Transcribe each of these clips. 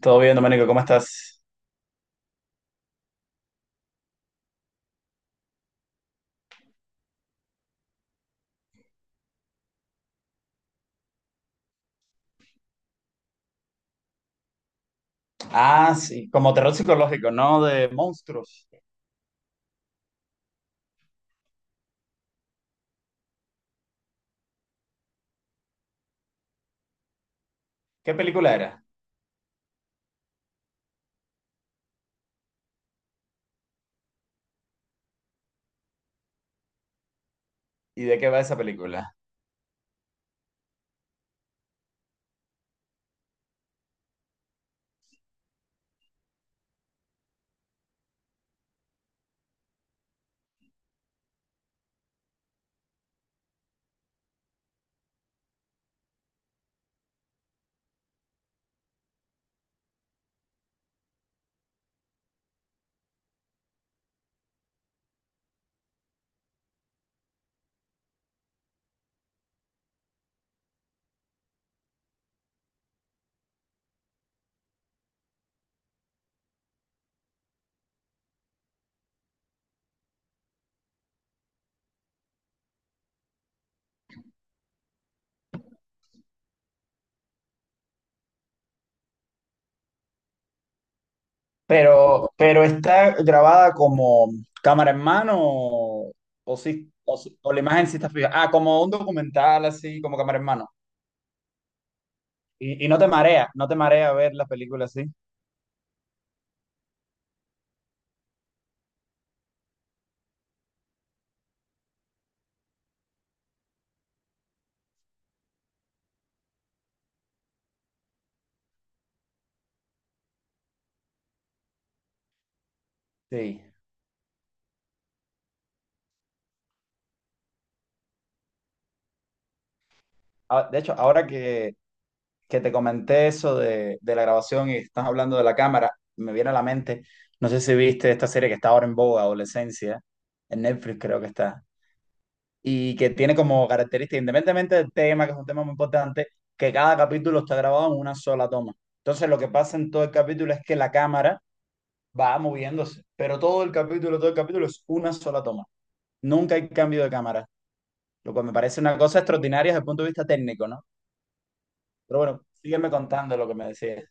Todo bien, Domenico, ¿cómo estás? Ah, sí, como terror psicológico, ¿no? De monstruos. ¿Qué película era? ¿Y de qué va esa película? Pero está grabada como cámara en mano o o la imagen sí está fija. Ah, como un documental así, como cámara en mano. Y no te marea ver la película así. Sí. Ah, de hecho, ahora que te comenté eso de la grabación y estás hablando de la cámara, me viene a la mente, no sé si viste esta serie que está ahora en boga, Adolescencia, en Netflix creo que está, y que tiene como característica, independientemente del tema, que es un tema muy importante, que cada capítulo está grabado en una sola toma. Entonces lo que pasa en todo el capítulo es que la cámara va moviéndose, pero todo el capítulo es una sola toma. Nunca hay cambio de cámara, lo cual me parece una cosa extraordinaria desde el punto de vista técnico, ¿no? Pero bueno, sígueme contando lo que me decías.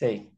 Sí.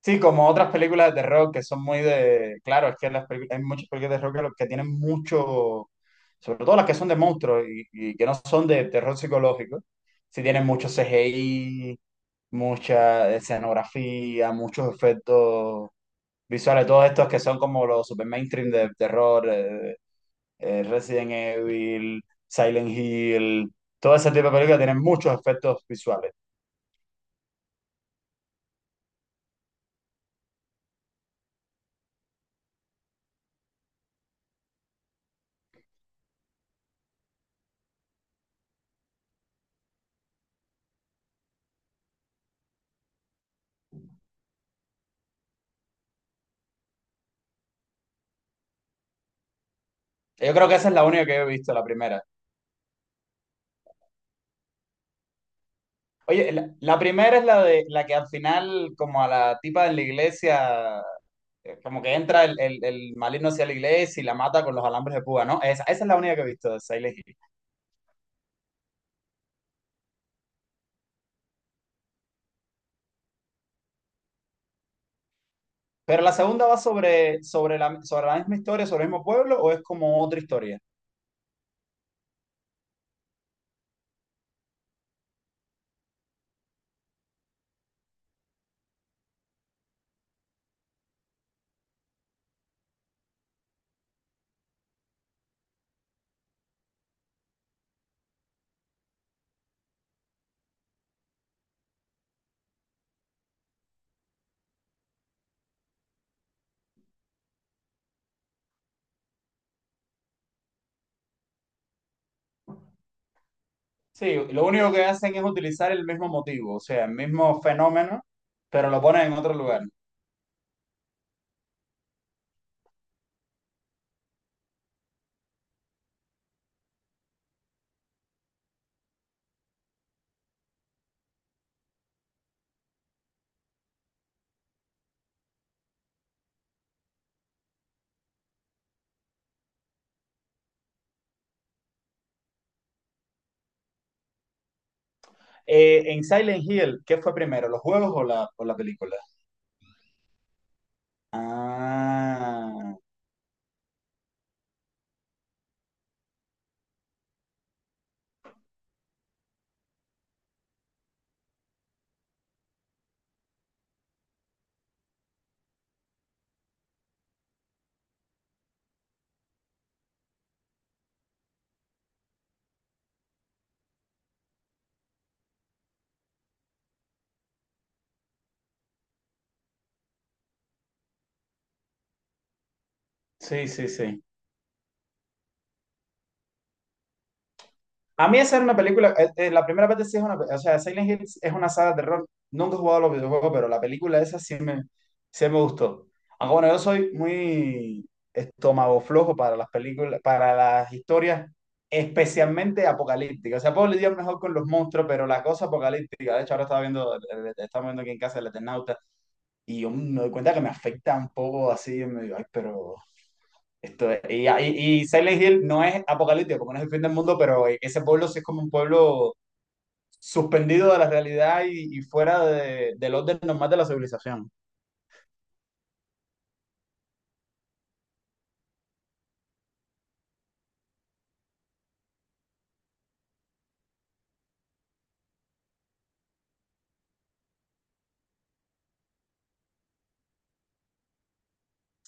Sí, como otras películas de terror que son muy de. Claro, es que hay muchas películas de terror que, que tienen mucho, sobre todo las que son de monstruos y que no son de terror psicológico, sí tienen mucho CGI, mucha escenografía, muchos efectos visuales, todos estos que son como los super mainstream de terror, Resident Evil, Silent Hill, todo ese tipo de películas tienen muchos efectos visuales. Yo creo que esa es la única que yo he visto, la primera. Oye, la primera es la de la que al final, como a la tipa de la iglesia, como que entra el maligno hacia la iglesia y la mata con los alambres de púa, ¿no? Esa es la única que he visto de Silent Hill. Pero la segunda va sobre la misma historia, sobre el mismo pueblo, o es como otra historia. Sí, lo único que hacen es utilizar el mismo motivo, o sea, el mismo fenómeno, pero lo ponen en otro lugar. En Silent Hill, ¿qué fue primero, los juegos o la película? Ah, sí, sí, sí. A mí esa era una película, la primera parte sí es una, o sea, Silent Hill es una saga de terror. Nunca he jugado a los videojuegos, pero la película esa sí me gustó. Aunque bueno, yo soy muy estómago flojo para las películas, para las historias, especialmente apocalípticas. O sea, puedo lidiar mejor con los monstruos, pero la cosa apocalíptica, de hecho ahora estaba viendo, estamos viendo aquí en casa el Eternauta, y yo me doy cuenta que me afecta un poco así, me digo, ay, pero esto, y Silent Hill no es apocalíptico, porque no es el fin del mundo, pero ese pueblo sí es como un pueblo suspendido de la realidad y fuera del orden normal de la civilización.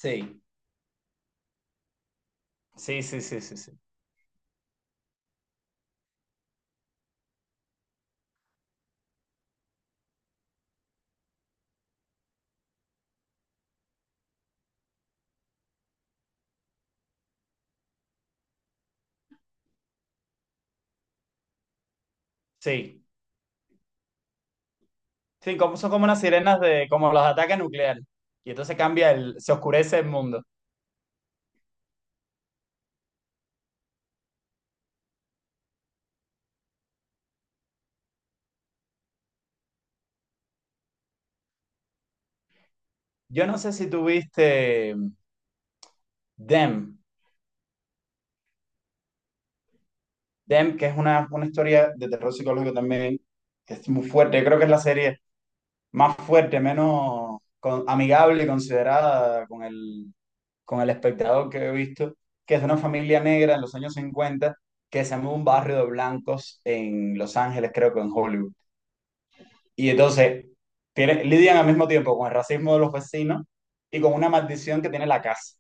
Sí, sí, sí, sí, sí, sí. Sí, sí, son como unas sirenas como los ataques nucleares. Y entonces cambia se oscurece el mundo. Yo no sé si tuviste them them que es una historia de terror psicológico también, que es muy fuerte. Yo creo que es la serie, más fuerte, menos amigable y considerada con el, espectador que he visto, que es de una familia negra en los años 50 que se muda a un barrio de blancos en Los Ángeles, creo que en Hollywood. Y entonces tiene, lidian al mismo tiempo con el racismo de los vecinos y con una maldición que tiene la casa.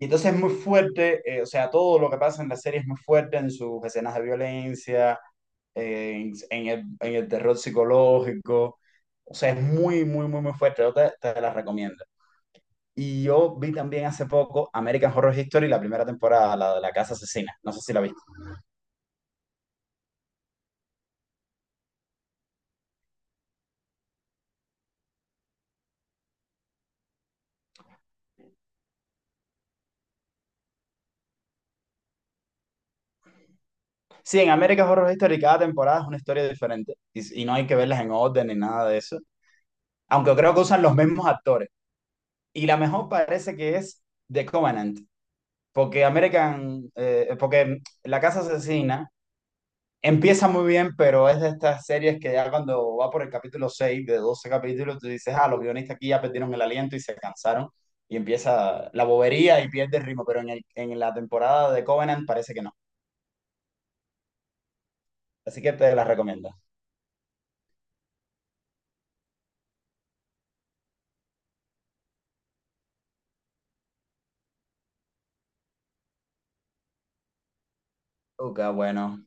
Y entonces es muy fuerte, o sea, todo lo que pasa en la serie es muy fuerte en sus escenas de violencia, en el terror psicológico. O sea, es muy, muy, muy, muy fuerte. Yo te la recomiendo. Y yo vi también hace poco American Horror History, la primera temporada, la de la casa asesina. No sé si la viste. Sí, en American Horror Story cada temporada es una historia diferente y no hay que verlas en orden ni nada de eso. Aunque creo que usan los mismos actores. Y la mejor parece que es The Covenant. Porque La Casa Asesina empieza muy bien, pero es de estas series que ya cuando va por el capítulo 6 de 12 capítulos, tú dices, ah, los guionistas aquí ya perdieron el aliento y se cansaron. Y empieza la bobería y pierde el ritmo, pero en, en la temporada de Covenant parece que no. Así que te las recomiendo. Uca, bueno,